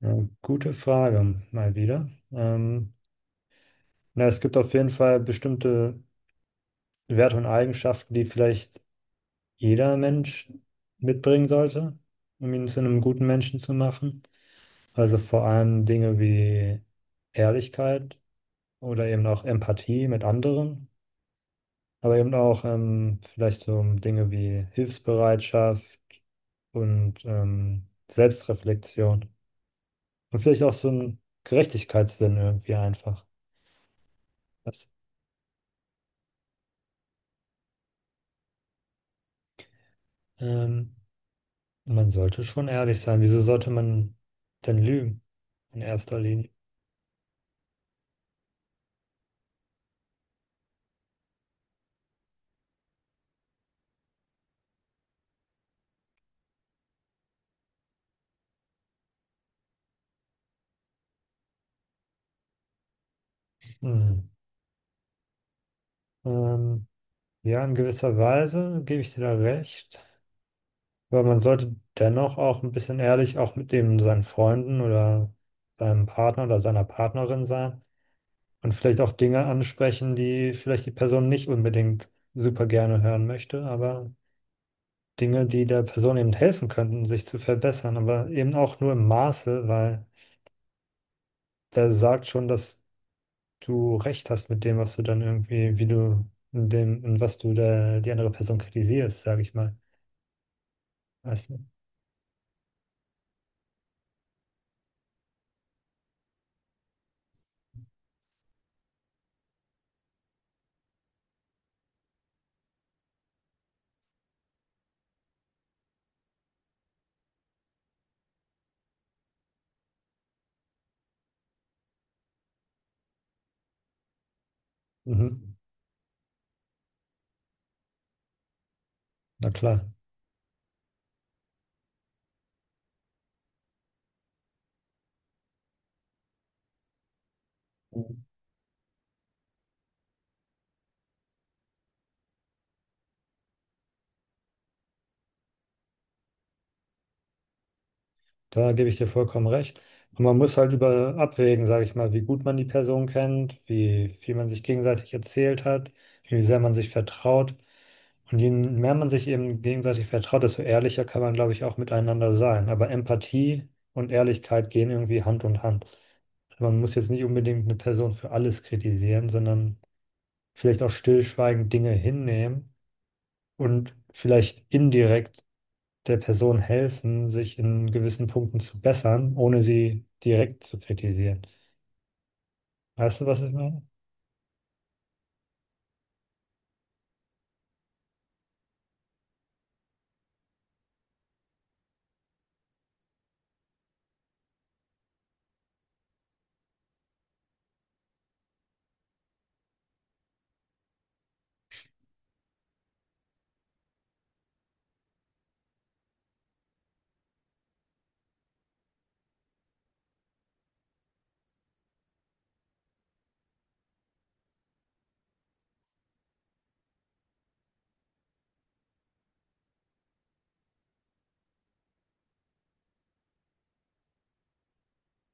Ja, gute Frage, mal wieder. Na, es gibt auf jeden Fall bestimmte Werte und Eigenschaften, die vielleicht jeder Mensch mitbringen sollte, um ihn zu einem guten Menschen zu machen. Also vor allem Dinge wie Ehrlichkeit oder eben auch Empathie mit anderen, aber eben auch vielleicht so Dinge wie Hilfsbereitschaft und Selbstreflexion und vielleicht auch so ein Gerechtigkeitssinn irgendwie einfach. Ähm, Man sollte schon ehrlich sein. Wieso sollte man denn lügen in erster Linie? Hm. Ähm, ja, in gewisser Weise gebe ich dir da recht. Aber man sollte dennoch auch ein bisschen ehrlich auch mit dem seinen Freunden oder seinem Partner oder seiner Partnerin sein und vielleicht auch Dinge ansprechen, die vielleicht die Person nicht unbedingt super gerne hören möchte, aber Dinge, die der Person eben helfen könnten, sich zu verbessern, aber eben auch nur im Maße, weil wer sagt schon, dass du recht hast mit dem, was du dann irgendwie, wie du in dem, in was du da die andere Person kritisierst, sage ich mal. Weißt du? Mhm. Na klar. Da gebe ich dir vollkommen recht. Und man muss halt über abwägen, sage ich mal, wie gut man die Person kennt, wie viel man sich gegenseitig erzählt hat, wie sehr man sich vertraut. Und je mehr man sich eben gegenseitig vertraut, desto ehrlicher kann man, glaube ich, auch miteinander sein. Aber Empathie und Ehrlichkeit gehen irgendwie Hand in Hand. Man muss jetzt nicht unbedingt eine Person für alles kritisieren, sondern vielleicht auch stillschweigend Dinge hinnehmen und vielleicht indirekt der Person helfen, sich in gewissen Punkten zu bessern, ohne sie direkt zu kritisieren. Weißt du, was ich meine?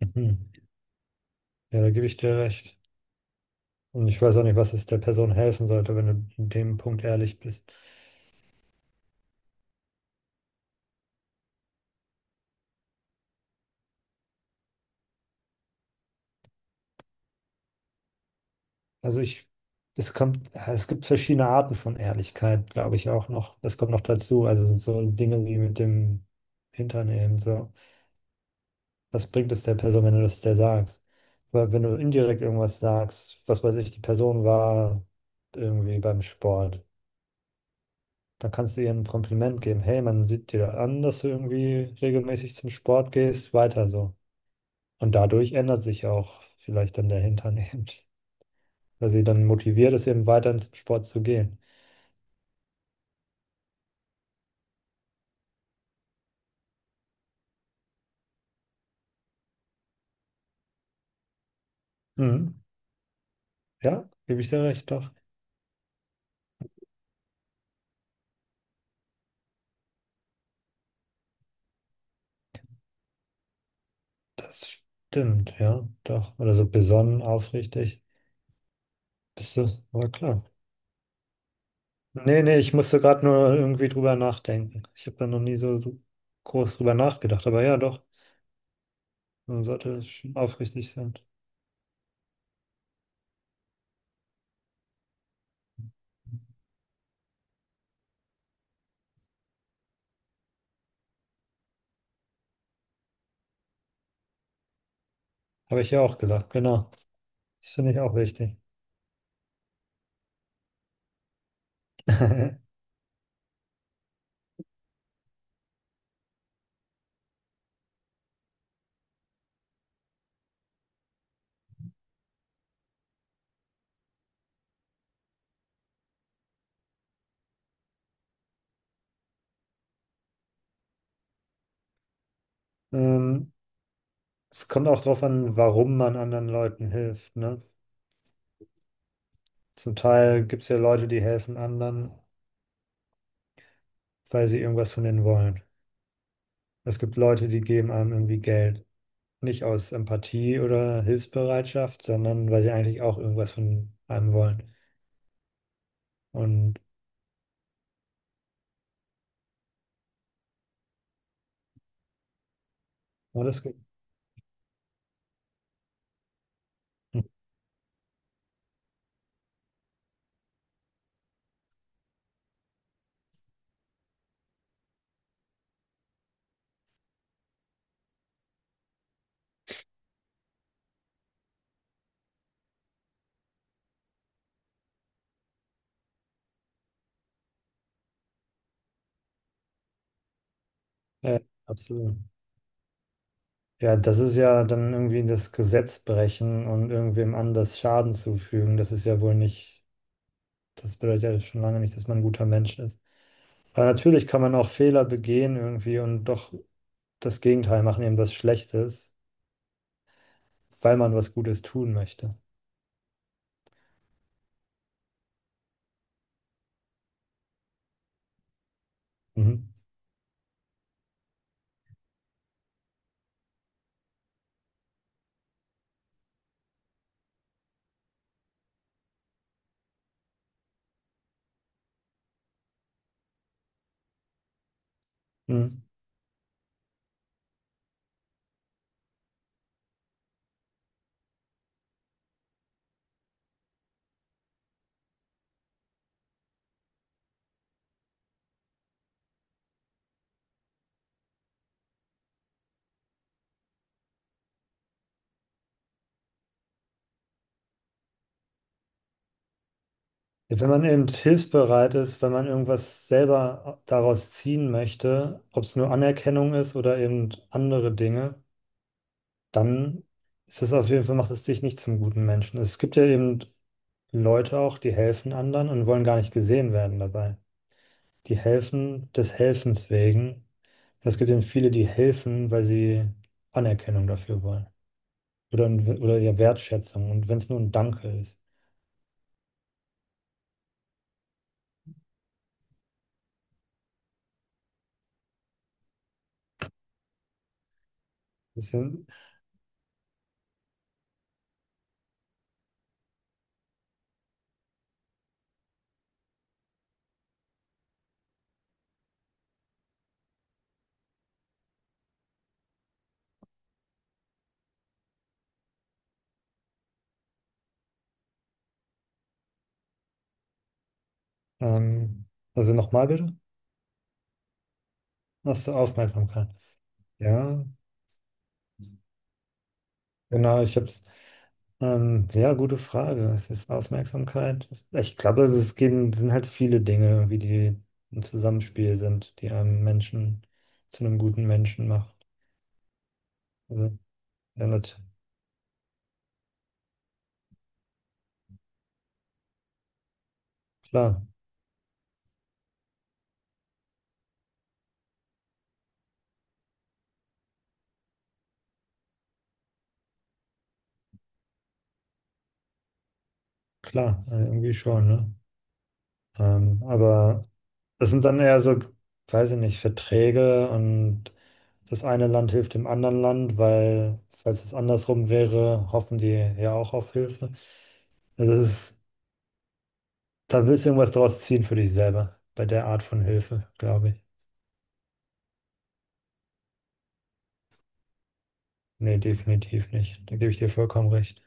Mhm. Ja, da gebe ich dir recht. Und ich weiß auch nicht, was es der Person helfen sollte, wenn du in dem Punkt ehrlich bist. Also ich, es kommt, es gibt verschiedene Arten von Ehrlichkeit, glaube ich auch noch. Das kommt noch dazu. Also so Dinge wie mit dem Hintern eben so. Was bringt es der Person, wenn du das der sagst? Weil wenn du indirekt irgendwas sagst, was weiß ich, die Person war irgendwie beim Sport, dann kannst du ihr ein Kompliment geben. Hey, man sieht dir an, dass du irgendwie regelmäßig zum Sport gehst, weiter so. Und dadurch ändert sich auch vielleicht dann der Hintern eben, weil sie dann motiviert ist, eben weiter ins Sport zu gehen. Mhm. Ja, gebe ich dir recht, doch. Das stimmt, ja, doch. Oder so besonnen, aufrichtig. Bist du, aber klar. Nee, nee, ich musste gerade nur irgendwie drüber nachdenken. Ich habe da noch nie so groß drüber nachgedacht, aber ja, doch, man sollte schon aufrichtig sein. Habe ich ja auch gesagt, genau. Das finde ich auch wichtig. Ähm, es kommt auch darauf an, warum man anderen Leuten hilft, ne? Zum Teil gibt es ja Leute, die helfen anderen, weil sie irgendwas von denen wollen. Es gibt Leute, die geben einem irgendwie Geld. Nicht aus Empathie oder Hilfsbereitschaft, sondern weil sie eigentlich auch irgendwas von einem wollen. Und alles gut. Ja, absolut. Ja, das ist ja dann irgendwie das Gesetz brechen und irgendwem anders Schaden zufügen. Das ist ja wohl nicht, das bedeutet ja schon lange nicht, dass man ein guter Mensch ist. Aber natürlich kann man auch Fehler begehen irgendwie und doch das Gegenteil machen, eben was Schlechtes, weil man was Gutes tun möchte. Mhm. Mhm. Ja, wenn man eben hilfsbereit ist, wenn man irgendwas selber daraus ziehen möchte, ob es nur Anerkennung ist oder eben andere Dinge, dann ist es auf jeden Fall, macht es dich nicht zum guten Menschen. Es gibt ja eben Leute auch, die helfen anderen und wollen gar nicht gesehen werden dabei. Die helfen des Helfens wegen. Es gibt eben viele, die helfen, weil sie Anerkennung dafür wollen. Oder, ja, Wertschätzung. Und wenn es nur ein Danke ist. Das sind, ähm, also nochmal bitte, was zur Aufmerksamkeit. Ja, genau, ich habe es. Ja, gute Frage. Es ist Aufmerksamkeit. Es- Ich glaube, also es gehen, sind halt viele Dinge, wie die ein Zusammenspiel sind, die einen Menschen zu einem guten Menschen macht. Also, ja, nat- klar, klar, irgendwie schon, ne? Aber das sind dann eher so, weiß ich nicht, Verträge und das eine Land hilft dem anderen Land, weil, falls es andersrum wäre, hoffen die ja auch auf Hilfe. Also es, da willst du irgendwas draus ziehen für dich selber, bei der Art von Hilfe, glaube ich. Nee, definitiv nicht. Da gebe ich dir vollkommen recht.